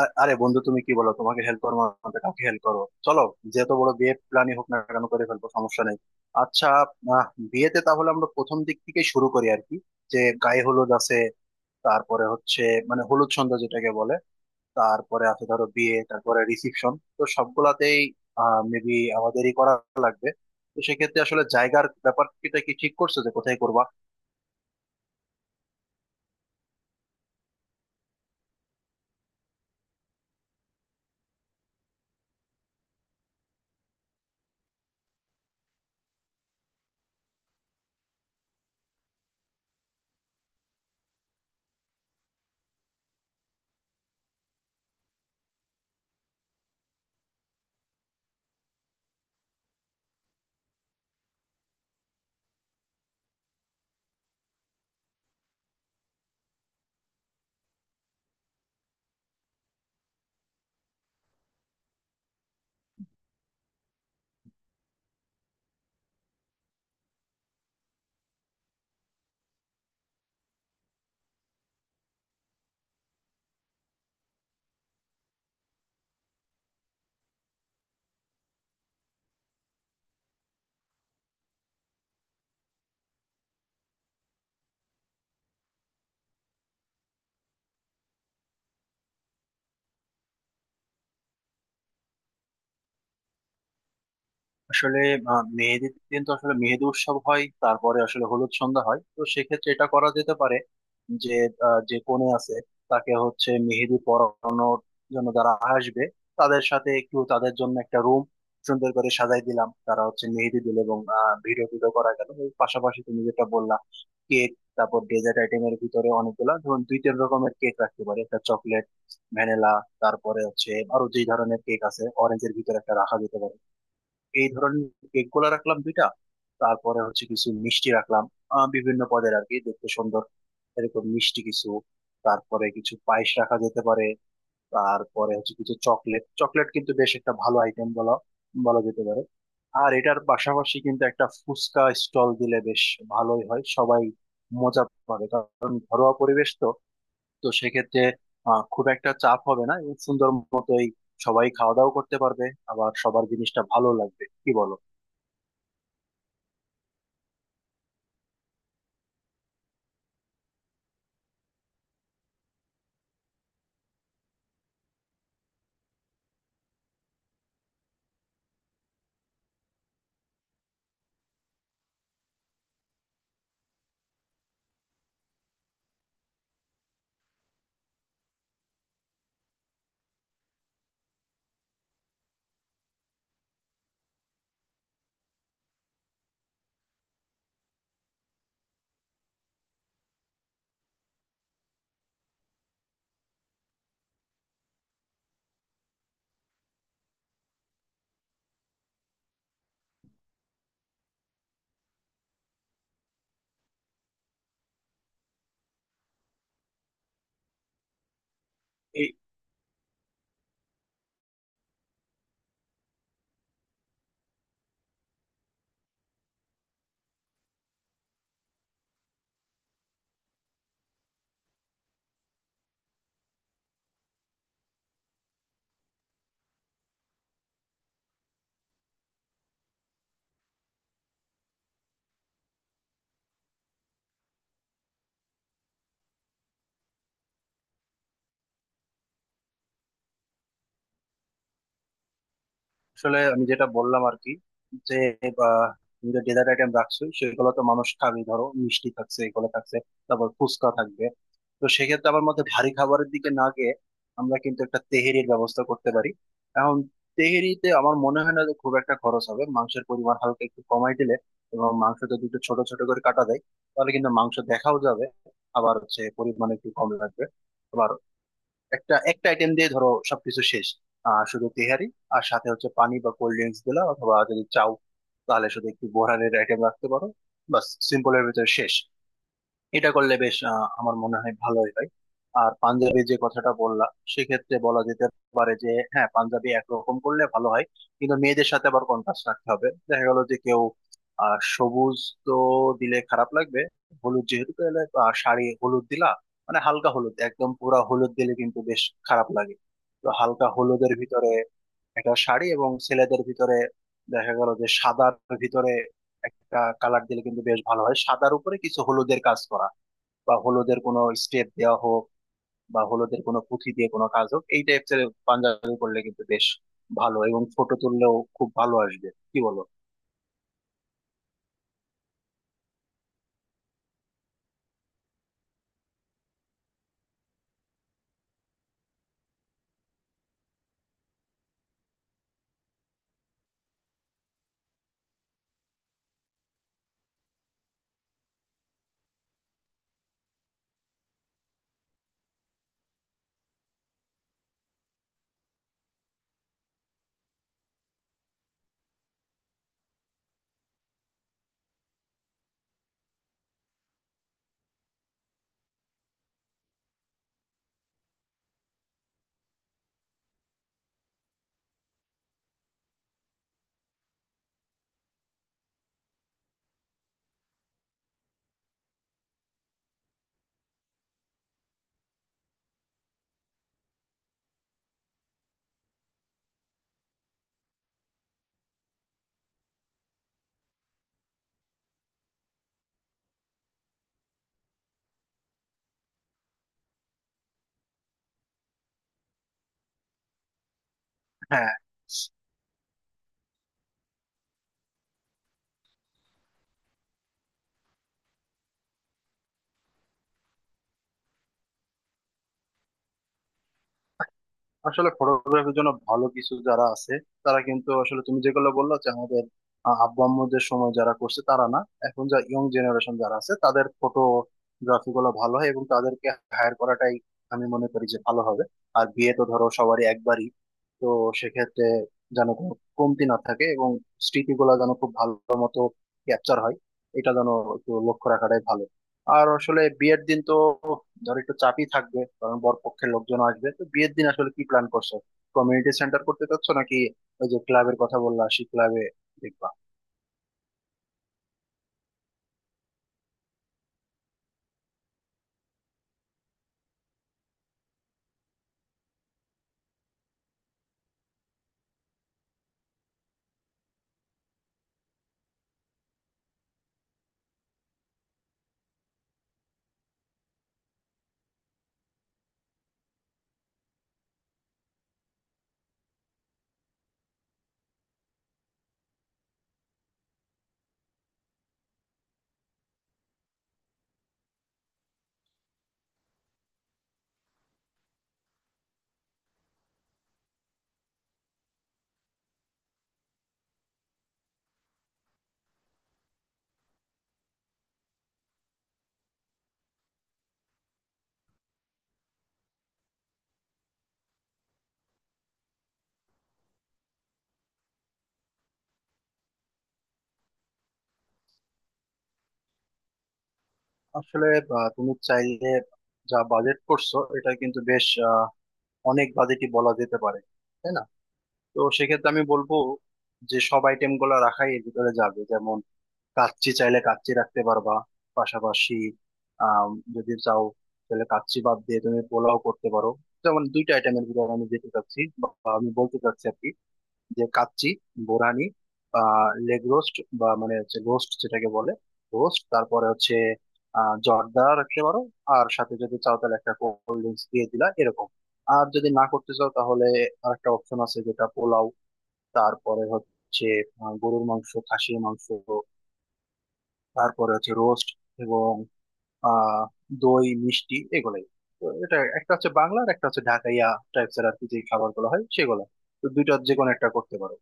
আরে বন্ধু, তুমি কি বলো? তোমাকে হেল্প করবো না তো কাকে হেল্প করবো? চলো, যত বড় বিয়ে প্ল্যানই হোক না কেন করে ফেলবো, সমস্যা নেই। আচ্ছা। আহ, বিয়েতে তাহলে আমরা প্রথম দিক থেকে শুরু করি আর কি, যে গায়ে হলুদ আছে, তারপরে হচ্ছে মানে হলুদ সন্ধ্যা যেটাকে বলে, তারপরে আছে ধরো বিয়ে, তারপরে রিসিপশন। তো সবগুলাতেই মেবি আমাদেরই করা লাগবে। তো সেক্ষেত্রে আসলে জায়গার ব্যাপারটা কি ঠিক করছো, যে কোথায় করবা? আসলে মেহেদির দিন তো আসলে মেহেদি উৎসব হয়, তারপরে আসলে হলুদ সন্ধ্যা হয়। তো সেক্ষেত্রে এটা করা যেতে পারে যে যে কনে আছে তাকে হচ্ছে মেহেদি পরানোর জন্য যারা আসবে তাদের সাথে, একটু তাদের জন্য একটা রুম সুন্দর করে সাজাই দিলাম, তারা হচ্ছে মেহেদি দিল এবং ভিডিও টিডিও করা গেল। এর পাশাপাশি তুমি যেটা বললা, কেক। তারপর ডেজার্ট আইটেমের ভিতরে অনেকগুলা, ধরুন দুই তিন রকমের কেক রাখতে পারি, একটা চকলেট, ভ্যানিলা, তারপরে হচ্ছে আরো যেই ধরনের কেক আছে অরেঞ্জের ভিতরে একটা রাখা যেতে পারে। এই ধরনের কেক গুলা রাখলাম দুইটা। তারপরে হচ্ছে কিছু মিষ্টি রাখলাম, বিভিন্ন পদের আর কি, দেখতে সুন্দর এরকম মিষ্টি কিছু। তারপরে কিছু পায়েস রাখা যেতে পারে। তারপরে হচ্ছে কিছু চকলেট, চকলেট কিন্তু বেশ একটা ভালো আইটেম বলা বলা যেতে পারে। আর এটার পাশাপাশি কিন্তু একটা ফুচকা স্টল দিলে বেশ ভালোই হয়, সবাই মজা পাবে, কারণ ঘরোয়া পরিবেশ তো। তো সেক্ষেত্রে খুব একটা চাপ হবে না এবং সুন্দর মতোই সবাই খাওয়া দাওয়া করতে পারবে, আবার সবার জিনিসটা ভালো লাগবে, কি বলো? এই আসলে আমি যেটা বললাম আর কি, যে বা তুমি যে ডেজার্ট আইটেম রাখছো সেগুলো তো মানুষ খাবে, ধরো মিষ্টি থাকছে, এগুলো থাকছে, তারপর ফুচকা থাকবে। তো সেক্ষেত্রে আমার মতে ভারী খাবারের দিকে না গিয়ে আমরা কিন্তু একটা তেহেরির ব্যবস্থা করতে পারি। এখন তেহেরিতে আমার মনে হয় না যে খুব একটা খরচ হবে, মাংসের পরিমাণ হালকা একটু কমাই দিলে, এবং মাংস যদি একটু ছোট ছোট করে কাটা যায় তাহলে কিন্তু মাংস দেখাও যাবে, আবার হচ্ছে পরিমাণ একটু কম লাগবে। আবার একটা একটা আইটেম দিয়ে ধরো সবকিছু শেষ, শুধু তেহারি। আর সাথে হচ্ছে পানি বা কোল্ড ড্রিঙ্কস দিলা, অথবা যদি চাও তাহলে শুধু একটু বোরহানের আইটেম রাখতে পারো, বাস সিম্পলের ভিতরে শেষ। এটা করলে বেশ আমার মনে হয় ভালোই হয়। আর পাঞ্জাবি যে কথাটা বললা, সেক্ষেত্রে বলা যেতে পারে যে হ্যাঁ পাঞ্জাবি একরকম করলে ভালো হয়, কিন্তু মেয়েদের সাথে আবার কন্ট্রাস্ট রাখতে হবে। দেখা গেল যে কেউ সবুজ তো দিলে খারাপ লাগবে। হলুদ যেহেতু, তাহলে শাড়ি হলুদ দিলা মানে হালকা হলুদ, একদম পুরা হলুদ দিলে কিন্তু বেশ খারাপ লাগে। তো হালকা হলুদের ভিতরে একটা শাড়ি, এবং ছেলেদের ভিতরে দেখা গেল যে সাদার ভিতরে একটা কালার দিলে কিন্তু বেশ ভালো হয়, সাদার উপরে কিছু হলুদের কাজ করা বা হলোদের কোনো স্টেপ দেওয়া হোক বা হলোদের কোনো পুঁথি দিয়ে কোনো কাজ হোক, এই টাইপের পাঞ্জাবি করলে কিন্তু বেশ ভালো এবং ফটো তুললেও খুব ভালো আসবে, কি বলো? হ্যাঁ। আসলে ফটোগ্রাফির জন্য ভালো কিছু যারা আছে তারা কিন্তু আসলে তুমি যেগুলো বললো যে আমাদের আব্বু আম্মুদের সময় যারা করছে তারা না, এখন যা ইয়ং জেনারেশন যারা আছে তাদের ফটোগ্রাফি গুলো ভালো হয় এবং তাদেরকে হায়ার করাটাই আমি মনে করি যে ভালো হবে। আর বিয়ে তো ধরো সবারই একবারই। তো সেক্ষেত্রে যেন কোনো কমতি না থাকে এবং স্মৃতিগুলো যেন খুব ভালো মতো ক্যাপচার হয়, এটা যেন একটু লক্ষ্য রাখাটাই ভালো। আর আসলে বিয়ের দিন তো ধর একটু চাপই থাকবে, কারণ বরপক্ষের লোকজন আসবে। তো বিয়ের দিন আসলে কি প্ল্যান করছো, কমিউনিটি সেন্টার করতে চাচ্ছ নাকি ওই যে ক্লাবের কথা বললা সেই ক্লাবে দেখবা? আসলে তুমি চাইলে, যা বাজেট করছো এটা কিন্তু বেশ অনেক বাজেটই বলা যেতে পারে, তাই না? তো সেক্ষেত্রে আমি বলবো যে সব আইটেম গুলা রাখাই এর ভিতরে যাবে। যেমন কাচ্চি, চাইলে কাচ্চি রাখতে পারবা, পাশাপাশি আম, যদি চাও তাহলে কাচ্চি বাদ দিয়ে তুমি পোলাও করতে পারো। যেমন দুইটা আইটেমের ভিতরে আমি যেতে চাচ্ছি বা আমি বলতে চাচ্ছি আর কি, যে কাচ্চি, বোরানি, লেগ রোস্ট বা মানে হচ্ছে রোস্ট যেটাকে বলে, রোস্ট, তারপরে হচ্ছে জর্দা রাখতে পারো। আর সাথে যদি চাও তাহলে একটা কোল্ড ড্রিঙ্কস দিয়ে দিলা এরকম। আর যদি না করতে চাও তাহলে আরেকটা অপশন আছে, যেটা পোলাও, তারপরে হচ্ছে গরুর মাংস, খাসির মাংস, তারপরে হচ্ছে রোস্ট এবং আহ দই মিষ্টি, এগুলাই। তো এটা একটা হচ্ছে বাংলার, একটা হচ্ছে ঢাকাইয়া টাইপস এর আর কি, যে খাবার গুলো হয় সেগুলো। তো দুইটার যে কোনো একটা করতে পারো।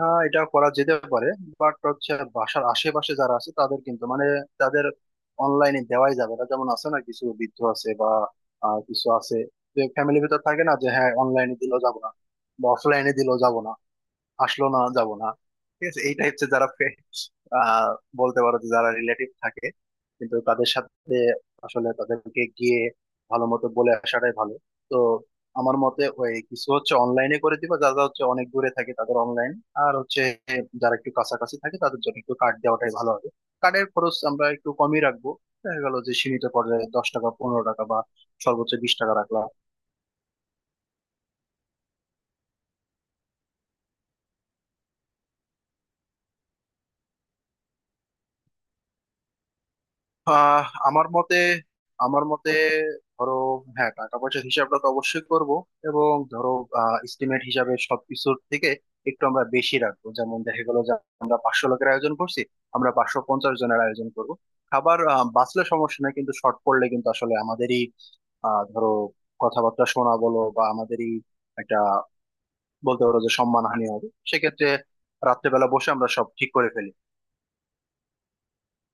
এটা করা যেতে পারে, বাট হচ্ছে বাসার আশেপাশে যারা আছে তাদের কিন্তু মানে তাদের অনলাইনে দেওয়াই যাবে না। যেমন আছে না কিছু বৃদ্ধ আছে বা কিছু আছে যে ফ্যামিলির ভিতর থাকে না, যে হ্যাঁ অনলাইনে দিলেও যাবো না বা অফলাইনে দিলেও যাবো না, আসলো না যাব না, ঠিক আছে। এইটা হচ্ছে যারা আহ বলতে পারো যে যারা রিলেটিভ থাকে, কিন্তু তাদের সাথে আসলে তাদেরকে গিয়ে ভালো মতো বলে আসাটাই ভালো। তো আমার মতে ওই কিছু হচ্ছে অনলাইনে করে দিবা, যারা হচ্ছে অনেক দূরে থাকে তাদের অনলাইন, আর হচ্ছে যারা একটু কাছাকাছি থাকে তাদের জন্য একটু কার্ড দেওয়াটাই ভালো হবে। কার্ডের খরচ আমরা একটু কমই রাখবো, দেখা গেল যে সীমিত পর্যায়ে 10 টাকা 15 টাকা বা সর্বোচ্চ 20 টাকা রাখলাম। আমার মতে, আমার মতে ধরো, হ্যাঁ টাকা পয়সার হিসাবটা তো অবশ্যই করব, এবং ধরো এস্টিমেট হিসাবে সবকিছুর থেকে একটু আমরা বেশি রাখবো। যেমন দেখা গেল যে আমরা 500 লোকের আয়োজন করছি, আমরা 550 জনের আয়োজন করব। খাবার বাঁচলে সমস্যা নাই, কিন্তু শর্ট পড়লে কিন্তু আসলে আমাদেরই ধরো কথাবার্তা শোনা, বলো বা আমাদেরই একটা বলতে পারো যে সম্মানহানি হবে। সেক্ষেত্রে রাত্রেবেলা বসে আমরা সব ঠিক করে ফেলি।